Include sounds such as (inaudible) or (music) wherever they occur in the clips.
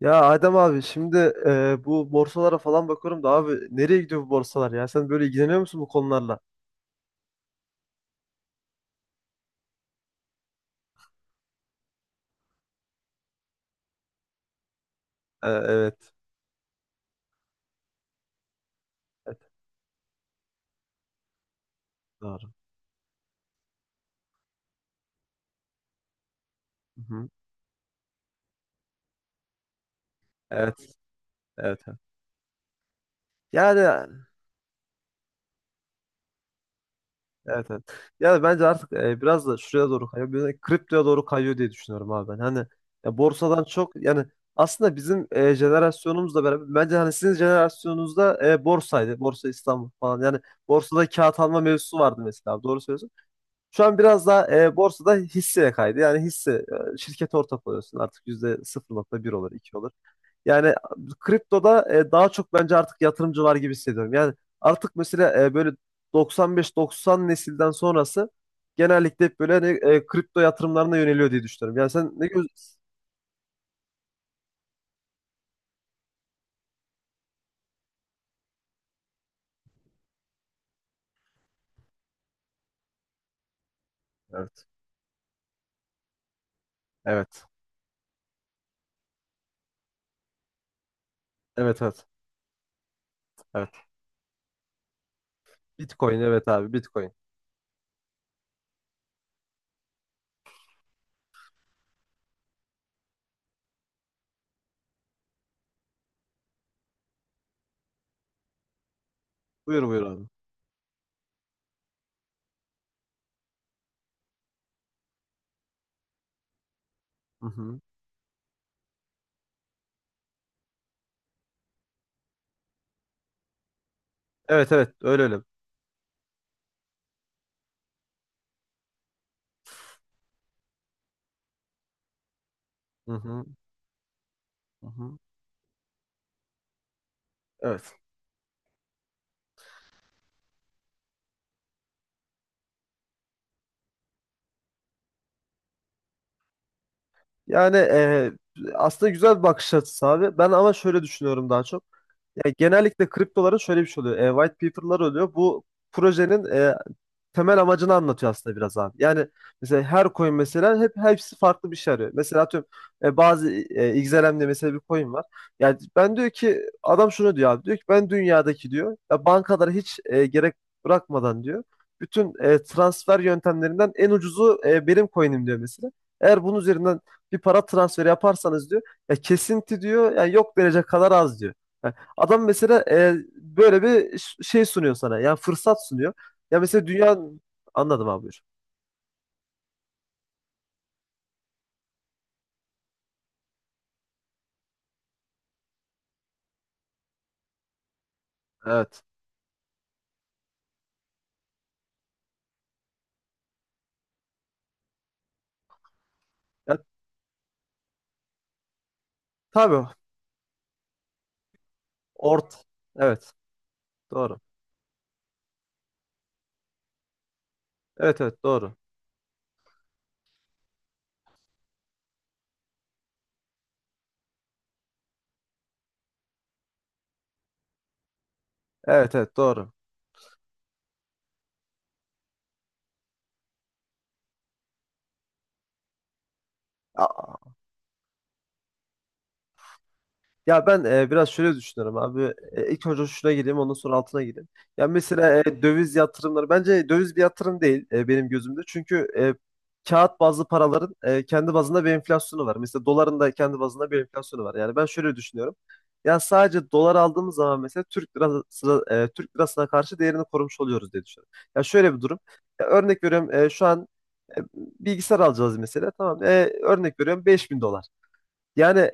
Ya Adem abi şimdi bu borsalara falan bakıyorum da abi nereye gidiyor bu borsalar ya? Sen böyle ilgileniyor musun bu konularla? Evet. Evet. Doğru. Hı-hı. Evet. Evet, evet. Yani evet, evet. Yani bence artık biraz da şuraya doğru kayıyor. Böyle kriptoya doğru kayıyor diye düşünüyorum abi ben. Hani ya borsadan çok, yani aslında bizim jenerasyonumuzla beraber, bence hani sizin jenerasyonunuzda borsaydı. Borsa İstanbul falan. Yani borsada kağıt alma mevzusu vardı mesela, abi. Doğru söylüyorsun. Şu an biraz daha borsada hisseye kaydı. Yani hisse, şirkete ortak oluyorsun. Artık yüzde sıfır nokta bir olur, 2 olur. Yani kriptoda daha çok bence artık yatırımcı var gibi hissediyorum. Yani artık mesela böyle 95-90 nesilden sonrası genellikle hep böyle hani, kripto yatırımlarına yöneliyor diye düşünüyorum. Yani sen ne göz... Evet. Evet. Evet, evet. Evet. Bitcoin, evet abi, Bitcoin. Buyur buyur abi. Hı hı. Evet, evet, öyle öyle. Hı hı. Hı hı. Evet. Yani aslında güzel bir bakış açısı abi. Ben ama şöyle düşünüyorum daha çok. Ya genellikle kriptoların şöyle bir şey oluyor. White paper'lar oluyor. Bu projenin temel amacını anlatıyor aslında biraz abi. Yani mesela her coin mesela hepsi farklı bir şey arıyor. Mesela atıyorum, bazı XLM'de mesela bir coin var. Yani ben diyor ki adam, şunu diyor abi. Diyor ki ben dünyadaki, diyor ya, bankalara hiç gerek bırakmadan diyor. Bütün transfer yöntemlerinden en ucuzu benim coin'im diyor mesela. Eğer bunun üzerinden bir para transferi yaparsanız diyor, ya kesinti diyor, yani yok derece kadar az diyor. Yani adam mesela böyle bir şey sunuyor sana. Yani fırsat sunuyor. Ya mesela dünya, anladım abi. Buyur. Evet. Ya tabii ort. Evet. Doğru. Evet, evet, doğru. Evet, evet, doğru. Ya ben biraz şöyle düşünüyorum abi. İlk önce şuna gireyim, ondan sonra altına gireyim. Ya mesela döviz yatırımları, bence döviz bir yatırım değil benim gözümde. Çünkü kağıt bazlı paraların kendi bazında bir enflasyonu var. Mesela doların da kendi bazında bir enflasyonu var. Yani ben şöyle düşünüyorum. Ya sadece dolar aldığımız zaman mesela Türk lirası, Türk lirasına karşı değerini korumuş oluyoruz diye düşünüyorum. Ya şöyle bir durum. Ya örnek veriyorum, şu an e, bilgisayar alacağız mesela. Tamam. Örnek veriyorum 5000 dolar. Yani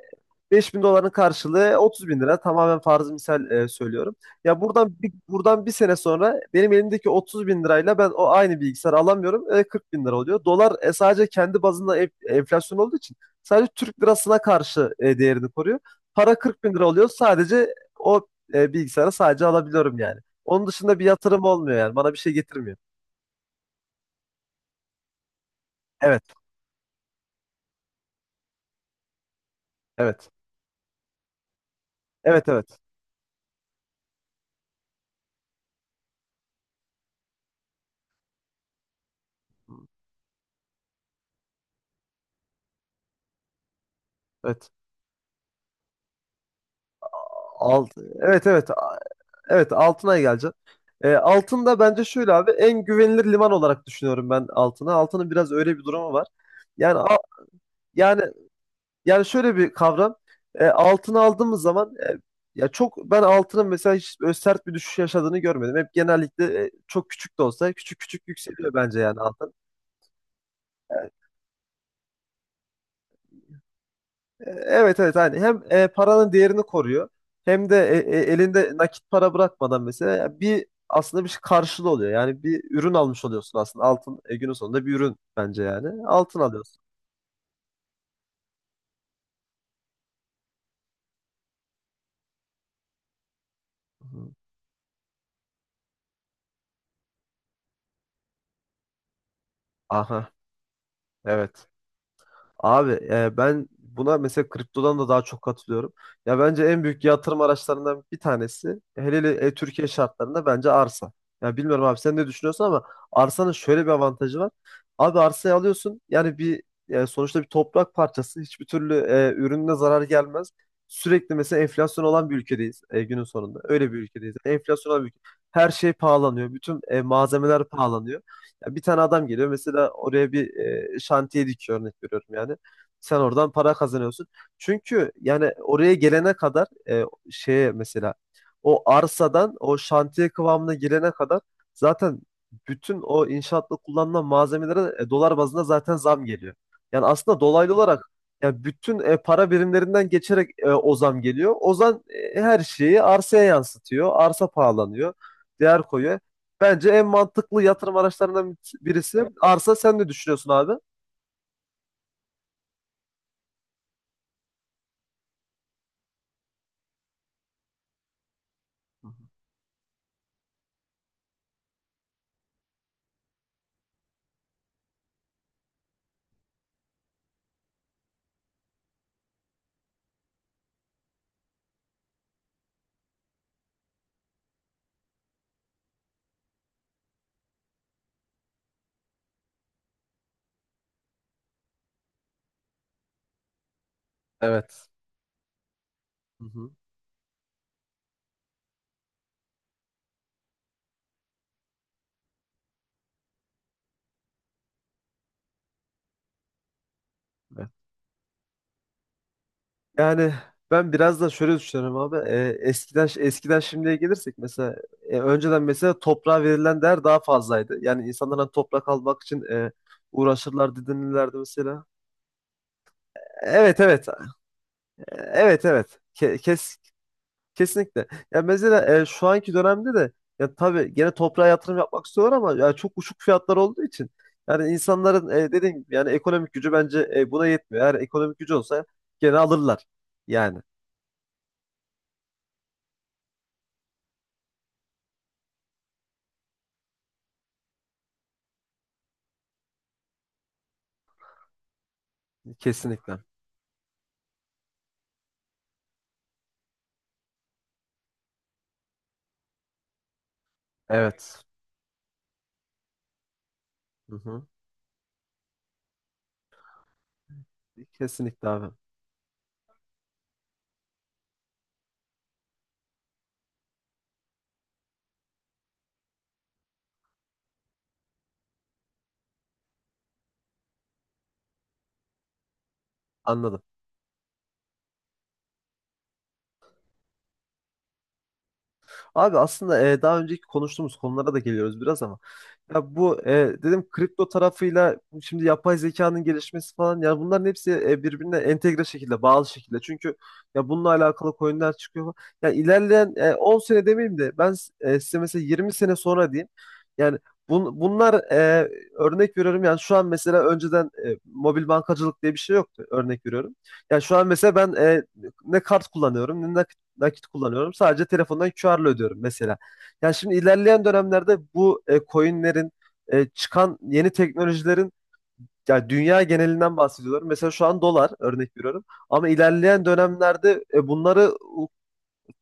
5000 doların karşılığı 30 bin lira. Tamamen farzı misal söylüyorum. Ya buradan bir sene sonra benim elimdeki 30 bin lirayla ben o aynı bilgisayarı alamıyorum. 40 bin lira oluyor. Dolar sadece kendi bazında enflasyon olduğu için sadece Türk lirasına karşı değerini koruyor. Para 40 bin lira oluyor. Sadece o bilgisayarı sadece alabiliyorum yani. Onun dışında bir yatırım olmuyor yani. Bana bir şey getirmiyor. Evet, evet. Evet, evet. Evet. Alt, evet, evet. Evet, Altınay'a geleceğim. Altın da bence şöyle abi, en güvenilir liman olarak düşünüyorum ben Altın'ı. Altın'ın biraz öyle bir durumu var. Yani a- yani yani şöyle bir kavram. Altını aldığımız zaman, ya çok, ben altının mesela hiç böyle sert bir düşüş yaşadığını görmedim. Hep genellikle çok küçük de olsa, küçük küçük yükseliyor bence yani altın. Evet, evet, hani hem paranın değerini koruyor hem de elinde nakit para bırakmadan mesela bir, aslında bir şey karşılığı oluyor. Yani bir ürün almış oluyorsun aslında, altın günün sonunda bir ürün bence, yani altın alıyorsun. Hı. Aha, evet. Abi ben buna mesela kriptodan da daha çok katılıyorum. Ya bence en büyük yatırım araçlarından bir tanesi, hele hele Türkiye şartlarında, bence arsa. Ya bilmiyorum abi sen ne düşünüyorsun ama arsanın şöyle bir avantajı var. Abi arsayı alıyorsun, yani bir sonuçta bir toprak parçası, hiçbir türlü ürününe zarar gelmez. Sürekli mesela enflasyon olan bir ülkedeyiz günün sonunda. Öyle bir ülkedeyiz. Enflasyon olan bir ülke. Her şey pahalanıyor. Bütün malzemeler pahalanıyor. Ya bir tane adam geliyor mesela, oraya bir şantiye dikiyor, örnek veriyorum yani. Sen oradan para kazanıyorsun. Çünkü yani oraya gelene kadar, şeye mesela, o arsadan o şantiye kıvamına gelene kadar zaten bütün o inşaatta kullanılan malzemelere dolar bazında zaten zam geliyor. Yani aslında dolaylı olarak, yani bütün para birimlerinden geçerek o zam geliyor. O zam her şeyi arsaya yansıtıyor. Arsa pahalanıyor. Değer koyuyor. Bence en mantıklı yatırım araçlarından birisi arsa. Sen ne düşünüyorsun abi? Hı hı. Evet. Hı hı. Evet. Yani ben biraz da şöyle düşünüyorum abi. Eskiden şimdiye gelirsek mesela, önceden mesela toprağa verilen değer daha fazlaydı. Yani insanlar hani toprak almak için uğraşırlar didinirlerdi mesela. Evet, evet. Evet, evet. Kesinlikle. Ya mesela şu anki dönemde de ya tabii gene toprağa yatırım yapmak istiyorlar, ama ya çok uçuk fiyatlar olduğu için yani insanların dediğim gibi yani ekonomik gücü, bence buna yetmiyor. Eğer ekonomik gücü olsa gene alırlar. Yani kesinlikle. Evet. Hı hı. Kesinlikle abi. Anladım. Abi aslında daha önceki konuştuğumuz konulara da geliyoruz biraz, ama ya bu dedim kripto tarafıyla bu, şimdi yapay zekanın gelişmesi falan, ya bunların hepsi birbirine entegre şekilde, bağlı şekilde. Çünkü ya bununla alakalı coinler çıkıyor. Yani ilerleyen 10 sene demeyeyim de ben, size mesela 20 sene sonra diyeyim. Yani bunlar, örnek veriyorum yani, şu an mesela önceden mobil bankacılık diye bir şey yoktu, örnek veriyorum. Yani şu an mesela ben ne kart kullanıyorum, ne nakit kullanıyorum. Sadece telefondan QR'la ödüyorum mesela. Yani şimdi ilerleyen dönemlerde bu coinlerin, çıkan yeni teknolojilerin, yani dünya genelinden bahsediyorum. Mesela şu an dolar, örnek veriyorum. Ama ilerleyen dönemlerde bunları,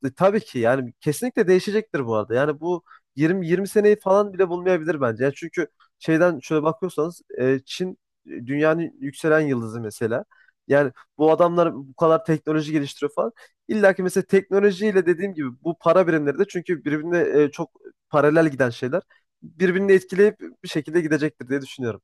tabii ki yani kesinlikle değişecektir bu arada. Yani bu 20 seneyi falan bile bulmayabilir bence. Yani çünkü şeyden şöyle bakıyorsanız, Çin dünyanın yükselen yıldızı mesela. Yani bu adamlar bu kadar teknoloji geliştiriyor falan. İlla ki mesela teknolojiyle, dediğim gibi bu para birimleri de çünkü birbirine çok paralel giden şeyler, birbirini etkileyip bir şekilde gidecektir diye düşünüyorum.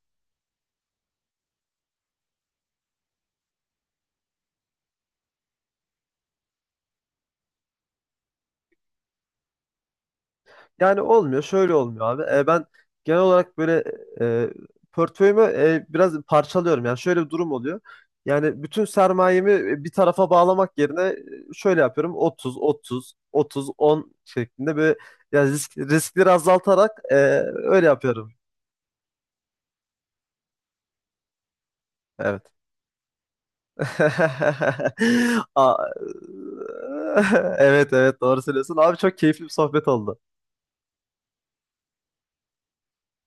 Yani olmuyor, şöyle olmuyor abi. Ben genel olarak böyle e, portföyümü biraz parçalıyorum. Yani şöyle bir durum oluyor. Yani bütün sermayemi bir tarafa bağlamak yerine şöyle yapıyorum. 30, 30, 30, 10 şeklinde böyle, yani riskleri azaltarak öyle yapıyorum. Evet. (laughs) Aa, (laughs) evet, evet, doğru söylüyorsun. Abi, çok keyifli bir sohbet oldu.